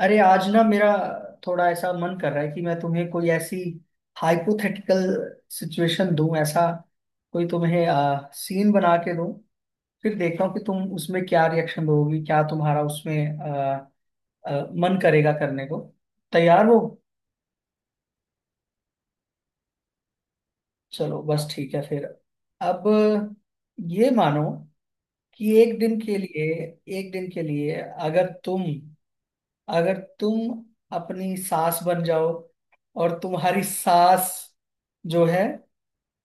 अरे, आज ना मेरा थोड़ा ऐसा मन कर रहा है कि मैं तुम्हें कोई ऐसी हाइपोथेटिकल सिचुएशन दूं। ऐसा कोई तुम्हें सीन बना के दूं, फिर देखता हूँ कि तुम उसमें क्या रिएक्शन दोगी, क्या तुम्हारा उसमें आ, आ, मन करेगा करने को। तैयार हो? चलो, बस ठीक है फिर। अब ये मानो कि एक दिन के लिए अगर तुम अपनी सास बन जाओ, और तुम्हारी सास जो है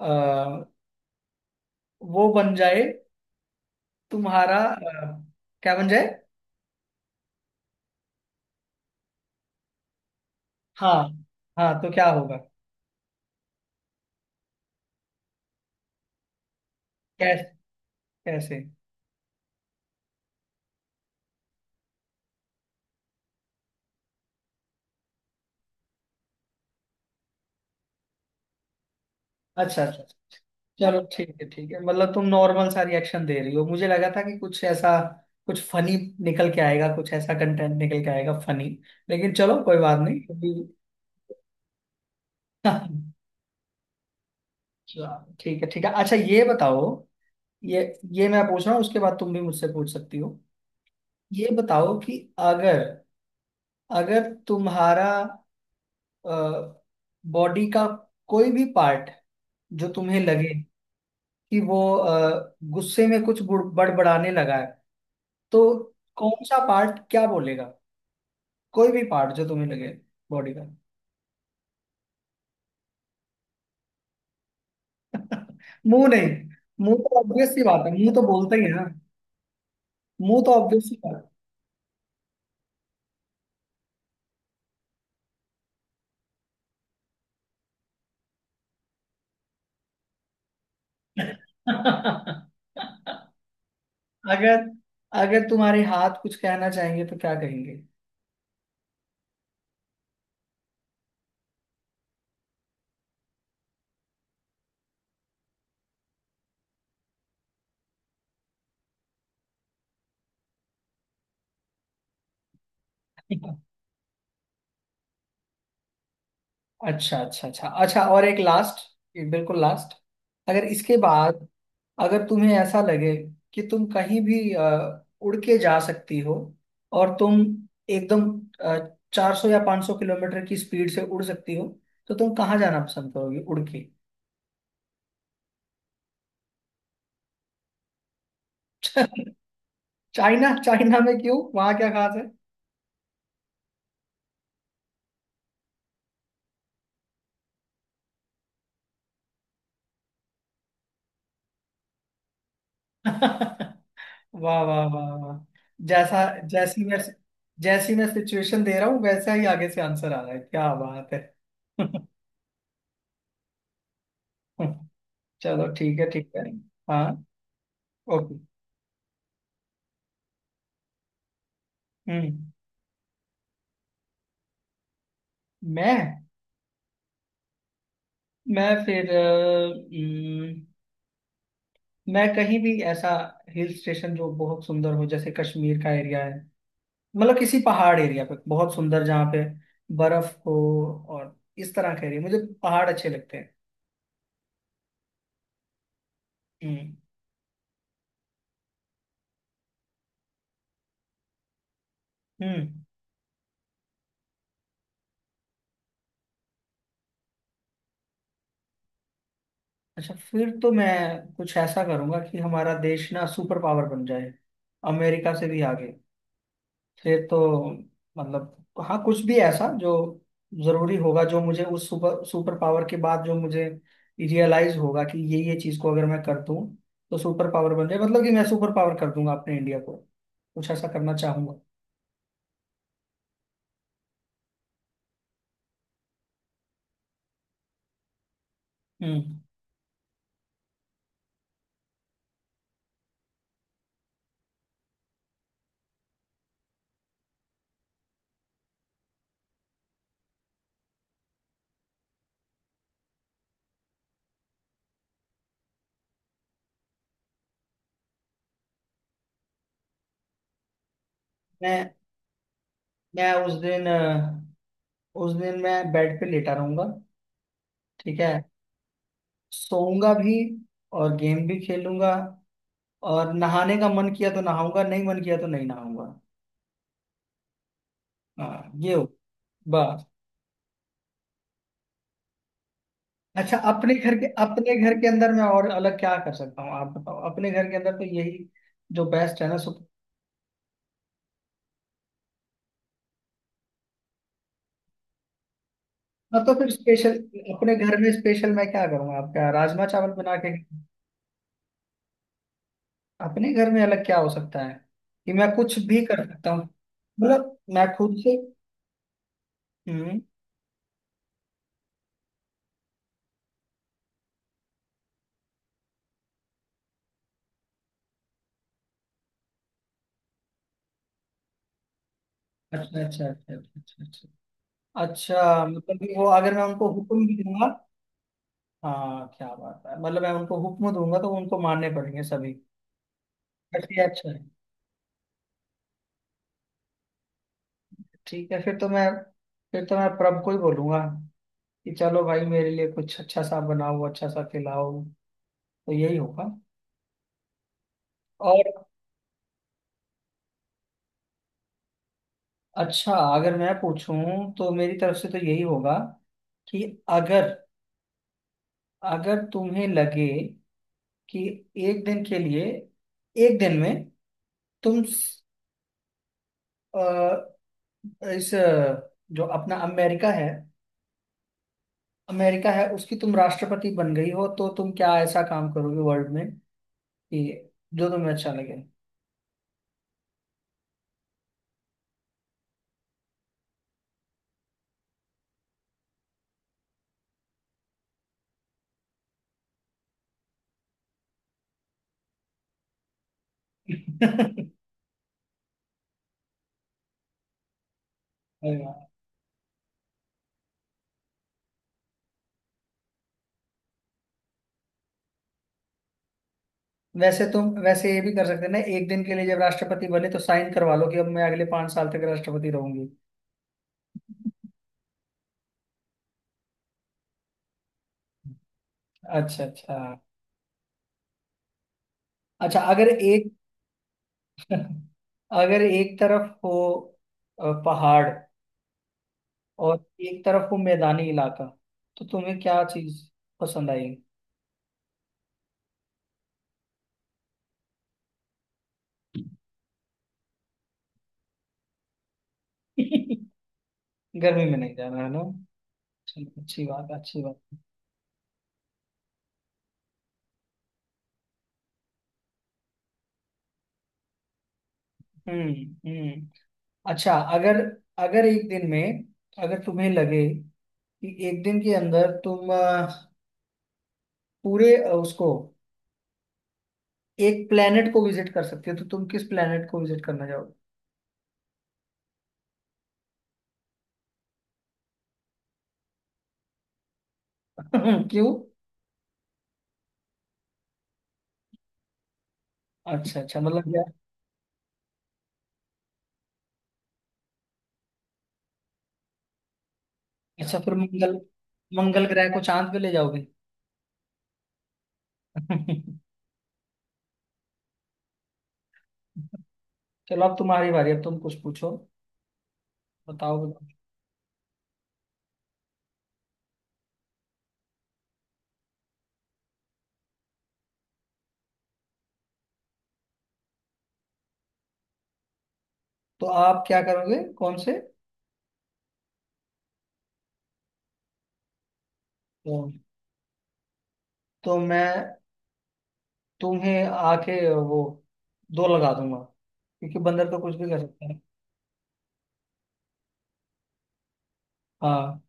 आ, वो बन जाए, तुम्हारा क्या बन जाए? हाँ। हाँ तो क्या होगा? कैसे, कैसे? अच्छा, अच्छा, अच्छा। चलो, ठीक है, ठीक है। मतलब तुम नॉर्मल सा रिएक्शन दे रही हो, मुझे लगा था कि कुछ ऐसा, कुछ फनी निकल के आएगा, कुछ ऐसा कंटेंट निकल के आएगा फनी। लेकिन चलो, कोई बात नहीं। चलो, ठीक है, ठीक है, अच्छा ये बताओ। ये ये मैं पूछ रहा हूँ, उसके बाद तुम भी मुझसे पूछ सकती हो। ये बताओ कि अगर अगर तुम्हारा बॉडी का कोई भी पार्ट जो तुम्हें लगे कि वो गुस्से में कुछ बड़बड़ाने लगा है, तो कौन सा पार्ट क्या बोलेगा? कोई भी पार्ट जो तुम्हें लगे, बॉडी का। मुंह नहीं। मुंह तो ऑब्वियस सी बात है, मुंह तो बोलते ही है ना। मुंह तो ऑब्वियस सी बात है। अगर अगर तुम्हारे हाथ कुछ कहना चाहेंगे तो क्या कहेंगे? अच्छा, अच्छा, अच्छा, अच्छा, और एक लास्ट, बिल्कुल लास्ट। अगर इसके बाद अगर तुम्हें ऐसा लगे कि तुम कहीं भी उड़ के जा सकती हो, और तुम एकदम 400 या 500 किलोमीटर की स्पीड से उड़ सकती हो, तो तुम कहाँ जाना पसंद करोगी उड़ के? चाइना? चाइना में क्यों, वहां क्या खास है? वाह, वाह, वाह, वाह। जैसा, जैसी मैं जैसी मैं सिचुएशन दे रहा हूँ, वैसा ही आगे से आंसर आ रहा है। क्या बात है! चलो, ठीक है, ठीक है। हाँ। ओके। हम्म। मैं मैं फिर हम्म, मैं कहीं भी ऐसा हिल स्टेशन जो बहुत सुंदर हो, जैसे कश्मीर का एरिया है। मतलब किसी पहाड़ एरिया पे, बहुत सुंदर, जहाँ पे बर्फ हो, और इस तरह का एरिया। मुझे पहाड़ अच्छे लगते हैं। हम्म। हम्म। अच्छा, फिर तो मैं कुछ ऐसा करूंगा कि हमारा देश ना सुपर पावर बन जाए, अमेरिका से भी आगे। फिर तो मतलब, हाँ, कुछ भी ऐसा जो जरूरी होगा, जो मुझे उस सुपर सुपर पावर के बाद जो मुझे रियलाइज होगा कि ये चीज को अगर मैं कर दूं तो सुपर पावर बन जाए। मतलब कि मैं सुपर पावर कर दूंगा अपने इंडिया को। कुछ ऐसा करना चाहूंगा। हम्म। मैं मैं उस दिन उस दिन मैं बेड पे लेटा रहूंगा। ठीक है, सोऊंगा भी, और गेम भी खेलूंगा, और नहाने का मन किया तो नहाऊंगा, नहीं मन किया तो नहीं नहाऊंगा। हाँ, ये हो बस। अच्छा, अपने घर के अंदर मैं और अलग क्या कर सकता हूँ, आप बताओ। अपने घर के अंदर तो यही जो बेस्ट है ना, सो। हाँ तो फिर स्पेशल, अपने घर में स्पेशल मैं क्या करूँगा? आपका राजमा चावल बना के? अपने घर में अलग क्या हो सकता है कि मैं कुछ भी कर सकता हूँ? मतलब मैं खुद से। हम्म। अच्छा, अच्छा, अच्छा, अच्छा, अच्छा, अच्छा मतलब कि वो। अगर मैं उनको हुक्म भी दूंगा? हाँ, क्या बात है। मतलब मैं उनको हुक्म दूंगा तो उनको मानने पड़ेंगे सभी। अच्छा, अच्छा, ठीक है। फिर तो मैं प्रभ को ही बोलूंगा कि चलो भाई, मेरे लिए कुछ अच्छा सा बनाओ, अच्छा सा खिलाओ। तो यही होगा। और अच्छा, अगर मैं पूछूं तो मेरी तरफ से तो यही होगा कि अगर, अगर तुम्हें लगे कि एक दिन के लिए, एक दिन में तुम अ, इस जो अपना अमेरिका है, अमेरिका है, उसकी तुम राष्ट्रपति बन गई हो, तो तुम क्या ऐसा काम करोगे वर्ल्ड में कि जो तुम्हें अच्छा लगे? अरे, वाह। वैसे तुम वैसे ये भी कर सकते हैं ना, एक दिन के लिए जब राष्ट्रपति बने तो साइन करवा लो कि अब मैं अगले 5 साल तक राष्ट्रपति रहूंगी। अच्छा, अच्छा, अच्छा। अगर एक, अगर एक तरफ हो पहाड़ और एक तरफ हो मैदानी इलाका, तो तुम्हें क्या चीज पसंद आएगी? गर्मी में नहीं जाना है ना। चलो, अच्छी बात है, अच्छी बात है। हम्म। हम्म। अच्छा, अगर, अगर एक दिन में, अगर तुम्हें लगे कि एक दिन के अंदर तुम पूरे उसको, एक प्लेनेट को विजिट कर सकते हो, तो तुम किस प्लेनेट को विजिट करना चाहोगे? क्यों? अच्छा, अच्छा, मतलब क्या। अच्छा, फिर मंगल मंगल ग्रह को चांद पे ले जाओगे? चलो, अब तुम्हारी बारी, अब तुम कुछ पूछो। बताओ, बताओ। तो आप क्या करोगे, कौन से? तो, तो मैं तुम्हें आके वो दो लगा दूंगा, क्योंकि बंदर तो कुछ भी कर सकता है। हाँ।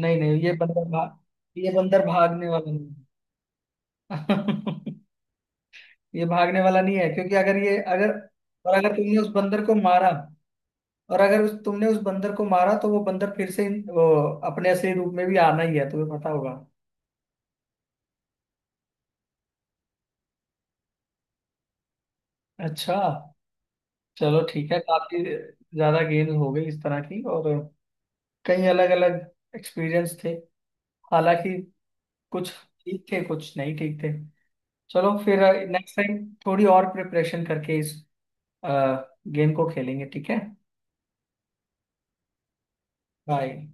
नहीं, नहीं, ये बंदर भाग, ये बंदर भागने वाला नहीं है। ये भागने वाला नहीं है, क्योंकि अगर ये अगर और अगर तुमने उस बंदर को मारा, और अगर उस तुमने उस बंदर को मारा तो वो बंदर फिर से वो अपने असली रूप में भी आना ही है, तुम्हें पता होगा। अच्छा, चलो ठीक है। काफी ज्यादा गेम्स हो गई इस तरह की, और कई अलग अलग एक्सपीरियंस थे। हालांकि कुछ ठीक थे, कुछ नहीं ठीक थे। चलो फिर, नेक्स्ट टाइम थोड़ी और प्रिपरेशन करके इस गेम को खेलेंगे, ठीक है। बाय।